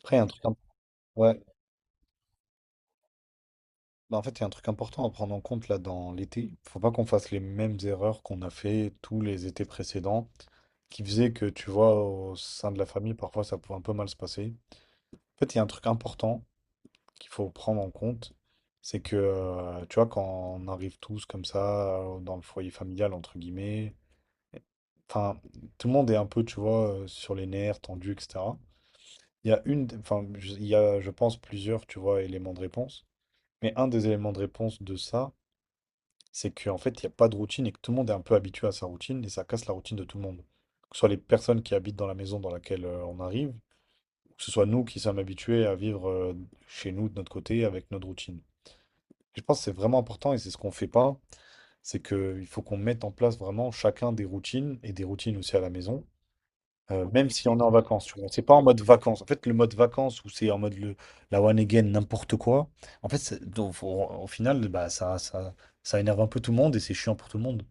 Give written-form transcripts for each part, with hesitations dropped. Après, il y a un truc, imp- ouais. Bah, en fait, il y a un truc important à prendre en compte là dans l'été. Faut pas qu'on fasse les mêmes erreurs qu'on a fait tous les étés précédents, qui faisaient que, tu vois, au sein de la famille, parfois ça pouvait un peu mal se passer. En fait, il y a un truc important qu'il faut prendre en compte, c'est que, tu vois, quand on arrive tous comme ça, dans le foyer familial, entre guillemets, enfin, tout le monde est un peu, tu vois, sur les nerfs, tendu, etc. Il y a, je pense, plusieurs, tu vois, éléments de réponse. Mais un des éléments de réponse de ça, c'est qu'en fait, il n'y a pas de routine et que tout le monde est un peu habitué à sa routine et ça casse la routine de tout le monde. Que ce soit les personnes qui habitent dans la maison dans laquelle on arrive, ou que ce soit nous qui sommes habitués à vivre chez nous de notre côté avec notre routine. Je pense que c'est vraiment important et c'est ce qu'on fait pas, c'est qu'il faut qu'on mette en place vraiment chacun des routines et des routines aussi à la maison même si on est en vacances, tu vois. C'est pas en mode vacances. En fait, le mode vacances où c'est en mode la one again, n'importe quoi. Donc au final, bah, ça énerve un peu tout le monde et c'est chiant pour tout le monde.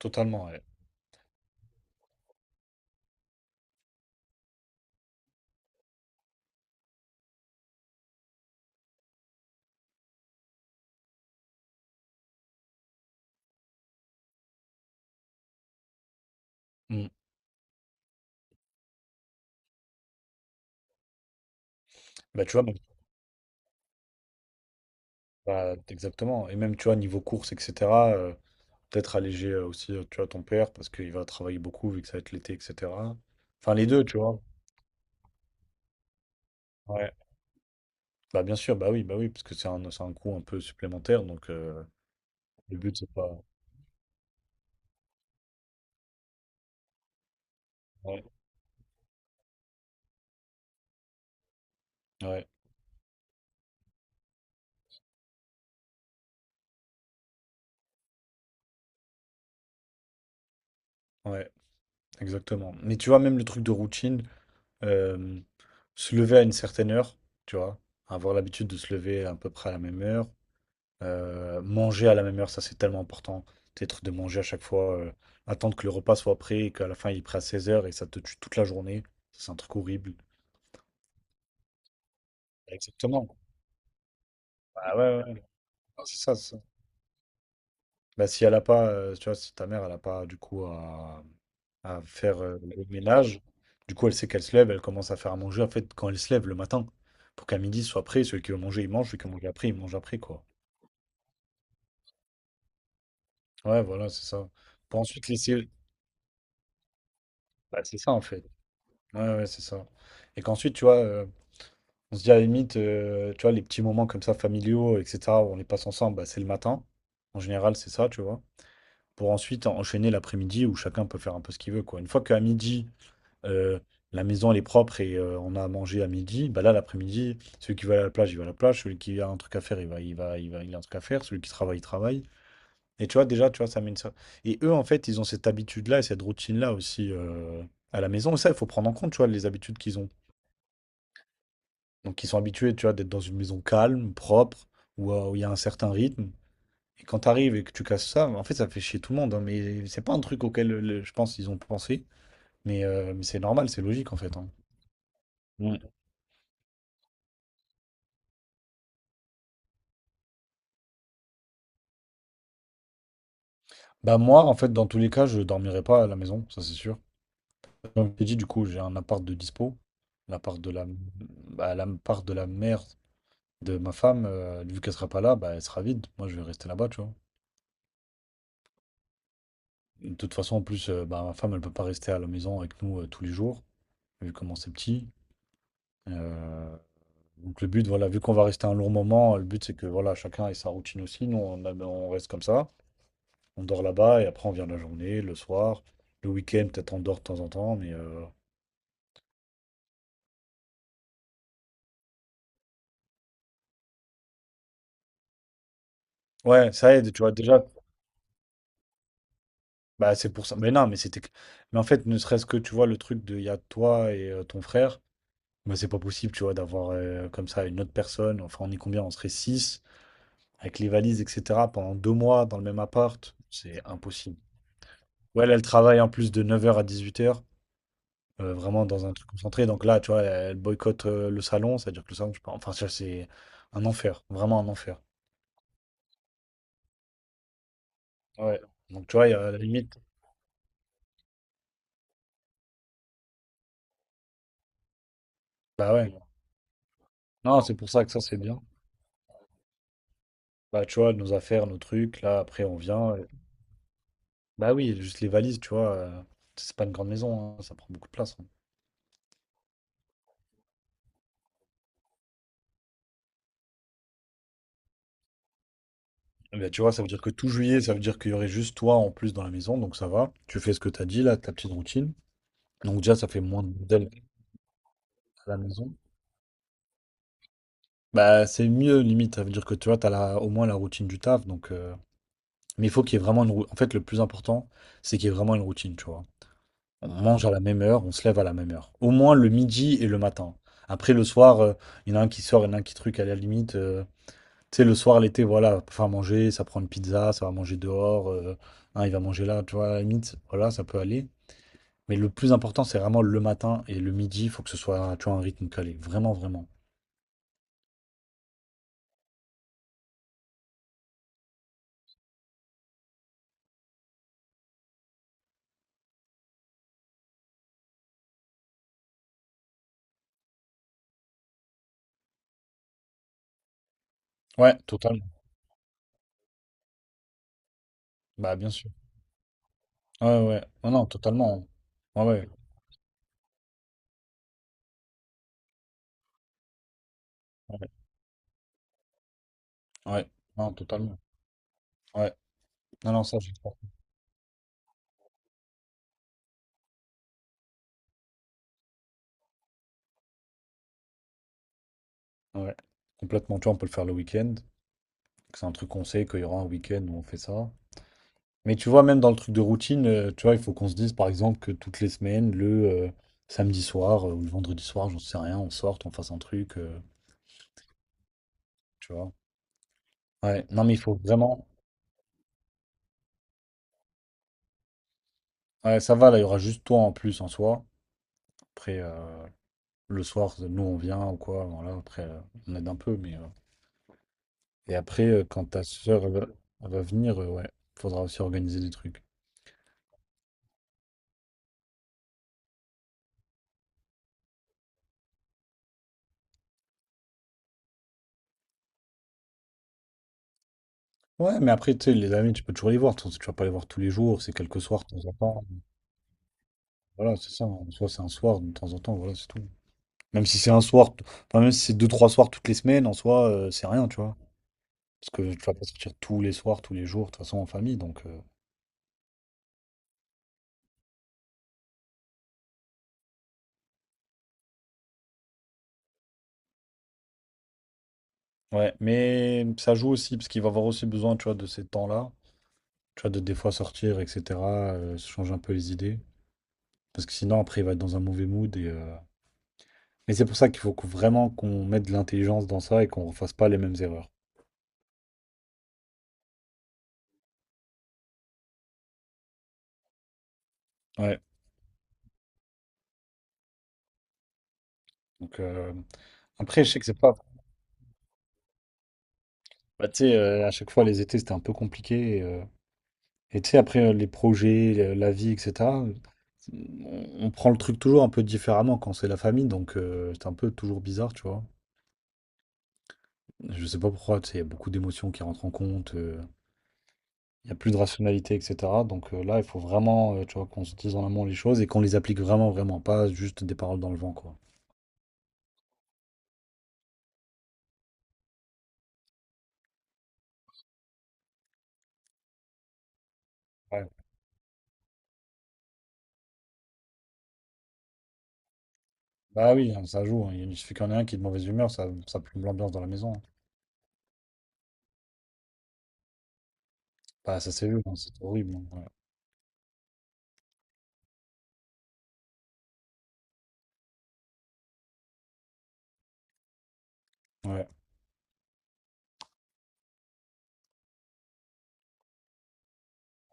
Totalement, ouais. Mm. Bah, tu vois, bah, exactement. Et même, tu vois, niveau courses, etc., euh, peut-être alléger aussi, tu vois, ton père parce qu'il va travailler beaucoup vu que ça va être l'été, etc. Enfin, les deux, tu vois. Ouais. Bah, bien sûr, bah oui, parce que c'est un coût un peu supplémentaire. Donc, le but, c'est pas. Ouais, ouais, ouais. Exactement. Mais tu vois, même le truc de routine, euh, se lever à une certaine heure, tu vois, avoir l'habitude de se lever à peu près à la même heure, manger à la même heure, ça c'est tellement important. Peut-être de manger à chaque fois, attendre que le repas soit prêt et qu'à la fin il est prêt à 16 heures et ça te tue toute la journée. Ça, c'est un truc horrible. Exactement. Ah ouais, ouais, ouais. Non, c'est ça, c'est ça. Bah, si elle a pas, tu vois, si ta mère, elle a pas du coup à faire le ménage, du coup, elle sait qu'elle se lève, elle commence à faire à manger en fait quand elle se lève le matin, pour qu'à midi ce soit prêt. Celui qui veut manger, il mange, celui qui veut manger après, il mange après, quoi. Ouais, voilà, c'est ça. Pour ensuite laisser. Bah, c'est ça en fait. Ouais, ouais, c'est ça. Et qu'ensuite, tu vois, on se dit à la limite, tu vois, les petits moments comme ça, familiaux, etc., où on les passe ensemble, bah, c'est le matin. En général, c'est ça, tu vois. Pour ensuite enchaîner l'après-midi où chacun peut faire un peu ce qu'il veut, quoi. Une fois qu'à midi, euh, la maison elle est propre et on a à manger à midi, bah là l'après-midi, celui qui va à la plage, il va à la plage, celui qui a un truc à faire, il va, il a un truc à faire, celui qui travaille, il travaille. Et tu vois, déjà, tu vois, ça mène ça. Et eux, en fait, ils ont cette habitude-là et cette routine-là aussi à la maison. Et ça, il faut prendre en compte, tu vois, les habitudes qu'ils ont. Donc, ils sont habitués, tu vois, d'être dans une maison calme, propre, où il y a un certain rythme. Et quand tu arrives et que tu casses ça, en fait, ça fait chier tout le monde, hein. Mais c'est pas un truc auquel, je pense, ils ont pensé. Mais c'est normal, c'est logique, en fait, hein. Mm. Bah moi, en fait, dans tous les cas, je dormirai pas à la maison, ça c'est sûr. Comme je t'ai dit, du coup, j'ai un appart de dispo. L'appart de la mère de ma femme, vu qu'elle sera pas là, bah, elle sera vide. Moi, je vais rester là-bas, tu vois. De toute façon, en plus, bah, ma femme, elle peut pas rester à la maison avec nous tous les jours, vu comment c'est petit. Euh, donc le but, voilà, vu qu'on va rester un long moment, le but c'est que voilà, chacun ait sa routine aussi. On reste comme ça. On dort là-bas et après on vient la journée, le soir, le week-end, peut-être on dort de temps en temps, mais ouais, ça aide, tu vois, déjà, bah, c'est pour ça. Mais non, mais c'était. Que- Mais en fait, ne serait-ce que, tu vois, le truc de il y a toi et ton frère, bah, c'est pas possible, tu vois, d'avoir comme ça une autre personne. Enfin, on est combien? On serait 6, avec les valises, etc., pendant 2 mois dans le même appart. C'est impossible. Ouais, là, elle travaille en plus de 9 heures à 18h, vraiment dans un truc concentré. Donc là, tu vois, elle boycotte le salon, c'est-à-dire que le salon, je sais enfin, ça, c'est un enfer, vraiment un enfer. Ouais. Donc, tu vois, il y a la limite. Bah ouais. Non, c'est pour ça que ça, c'est bien. Bah, tu vois, nos affaires, nos trucs, là, après, on vient, bah oui, juste les valises, tu vois, c'est pas une grande maison, hein, ça prend beaucoup de place, hein. Eh bien, tu vois, ça veut dire que tout juillet, ça veut dire qu'il y aurait juste toi en plus dans la maison, donc ça va. Tu fais ce que t'as dit, là, ta petite routine. Donc déjà, ça fait moins de bordel à la maison. Bah, c'est mieux, limite. Ça veut dire que tu vois, t'as la au moins la routine du taf, donc mais il faut qu'il y ait vraiment une routine. En fait, le plus important, c'est qu'il y ait vraiment une routine, tu vois. On mange à la même heure, on se lève à la même heure. Au moins le midi et le matin. Après, le soir, il y en a un qui sort, il y en a un qui truc à la limite, tu sais, le soir, l'été, voilà, pour faire manger, ça prend une pizza, ça va manger dehors. Un, il va manger là, tu vois, à la limite, voilà, ça peut aller. Mais le plus important, c'est vraiment le matin et le midi, il faut que ce soit, tu vois, un rythme calé. Vraiment, vraiment. Ouais, totalement. Bah, bien sûr. Ouais, ouais. Non, non, totalement. Ouais, ouais. Ouais. Non, totalement. Ouais. Non, non, ça, je crois. Ouais. Complètement. Tu vois, on peut le faire le week-end. C'est un truc qu'on sait qu'il y aura un week-end où on fait ça. Mais tu vois, même dans le truc de routine, tu vois, il faut qu'on se dise par exemple que toutes les semaines, le samedi soir ou le vendredi soir, j'en sais rien, on sorte, on fasse un truc, tu vois. Ouais, non, mais il faut vraiment. Ouais, ça va, là, il y aura juste toi en plus en soi. Après, le soir, nous, on vient ou quoi, voilà, après, on aide un peu, mais et après, quand ta soeur va, elle va venir, ouais, faudra aussi organiser des trucs. Ouais, mais après, tu sais, les amis, tu peux toujours les voir. Tu vas pas les voir tous les jours, c'est quelques soirs, de temps en temps. Voilà, c'est ça. En soi, c'est un soir de temps en temps, voilà, c'est tout. Même si c'est un soir, t- enfin, même si c'est deux, trois soirs toutes les semaines, en soi, c'est rien, tu vois. Parce que tu vas pas sortir tous les soirs, tous les jours, de toute façon, en famille, donc ouais, mais ça joue aussi, parce qu'il va avoir aussi besoin, tu vois, de ces temps-là. Tu vois, de des fois sortir, etc., se changer un peu les idées. Parce que sinon, après, il va être dans un mauvais mood et et c'est pour ça qu'il vraiment qu'on mette de l'intelligence dans ça et qu'on ne refasse pas les mêmes erreurs. Ouais. Donc, après, je sais que c'est pas. Bah, tu sais, à chaque fois, les étés, c'était un peu compliqué. Et tu sais, après, les projets, la vie, etc., on on prend le truc toujours un peu différemment quand c'est la famille, donc c'est un peu toujours bizarre, tu vois. Je sais pas pourquoi, tu sais, il y a beaucoup d'émotions qui rentrent en compte, il y a plus de rationalité, etc. Donc là, il faut vraiment, tu vois, qu'on se dise en amont les choses et qu'on les applique vraiment, vraiment, pas juste des paroles dans le vent, quoi. Ouais. Bah oui, hein, ça joue, hein. Il suffit qu'il y en ait un qui est de mauvaise humeur, ça plombe l'ambiance dans la maison, hein. Bah ça s'est vu, hein, c'est horrible, hein. Ouais. Ouais.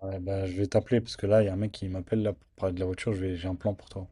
Ouais, bah, je vais t'appeler parce que là, il y a un mec qui m'appelle là pour parler de la voiture, j'ai un plan pour toi.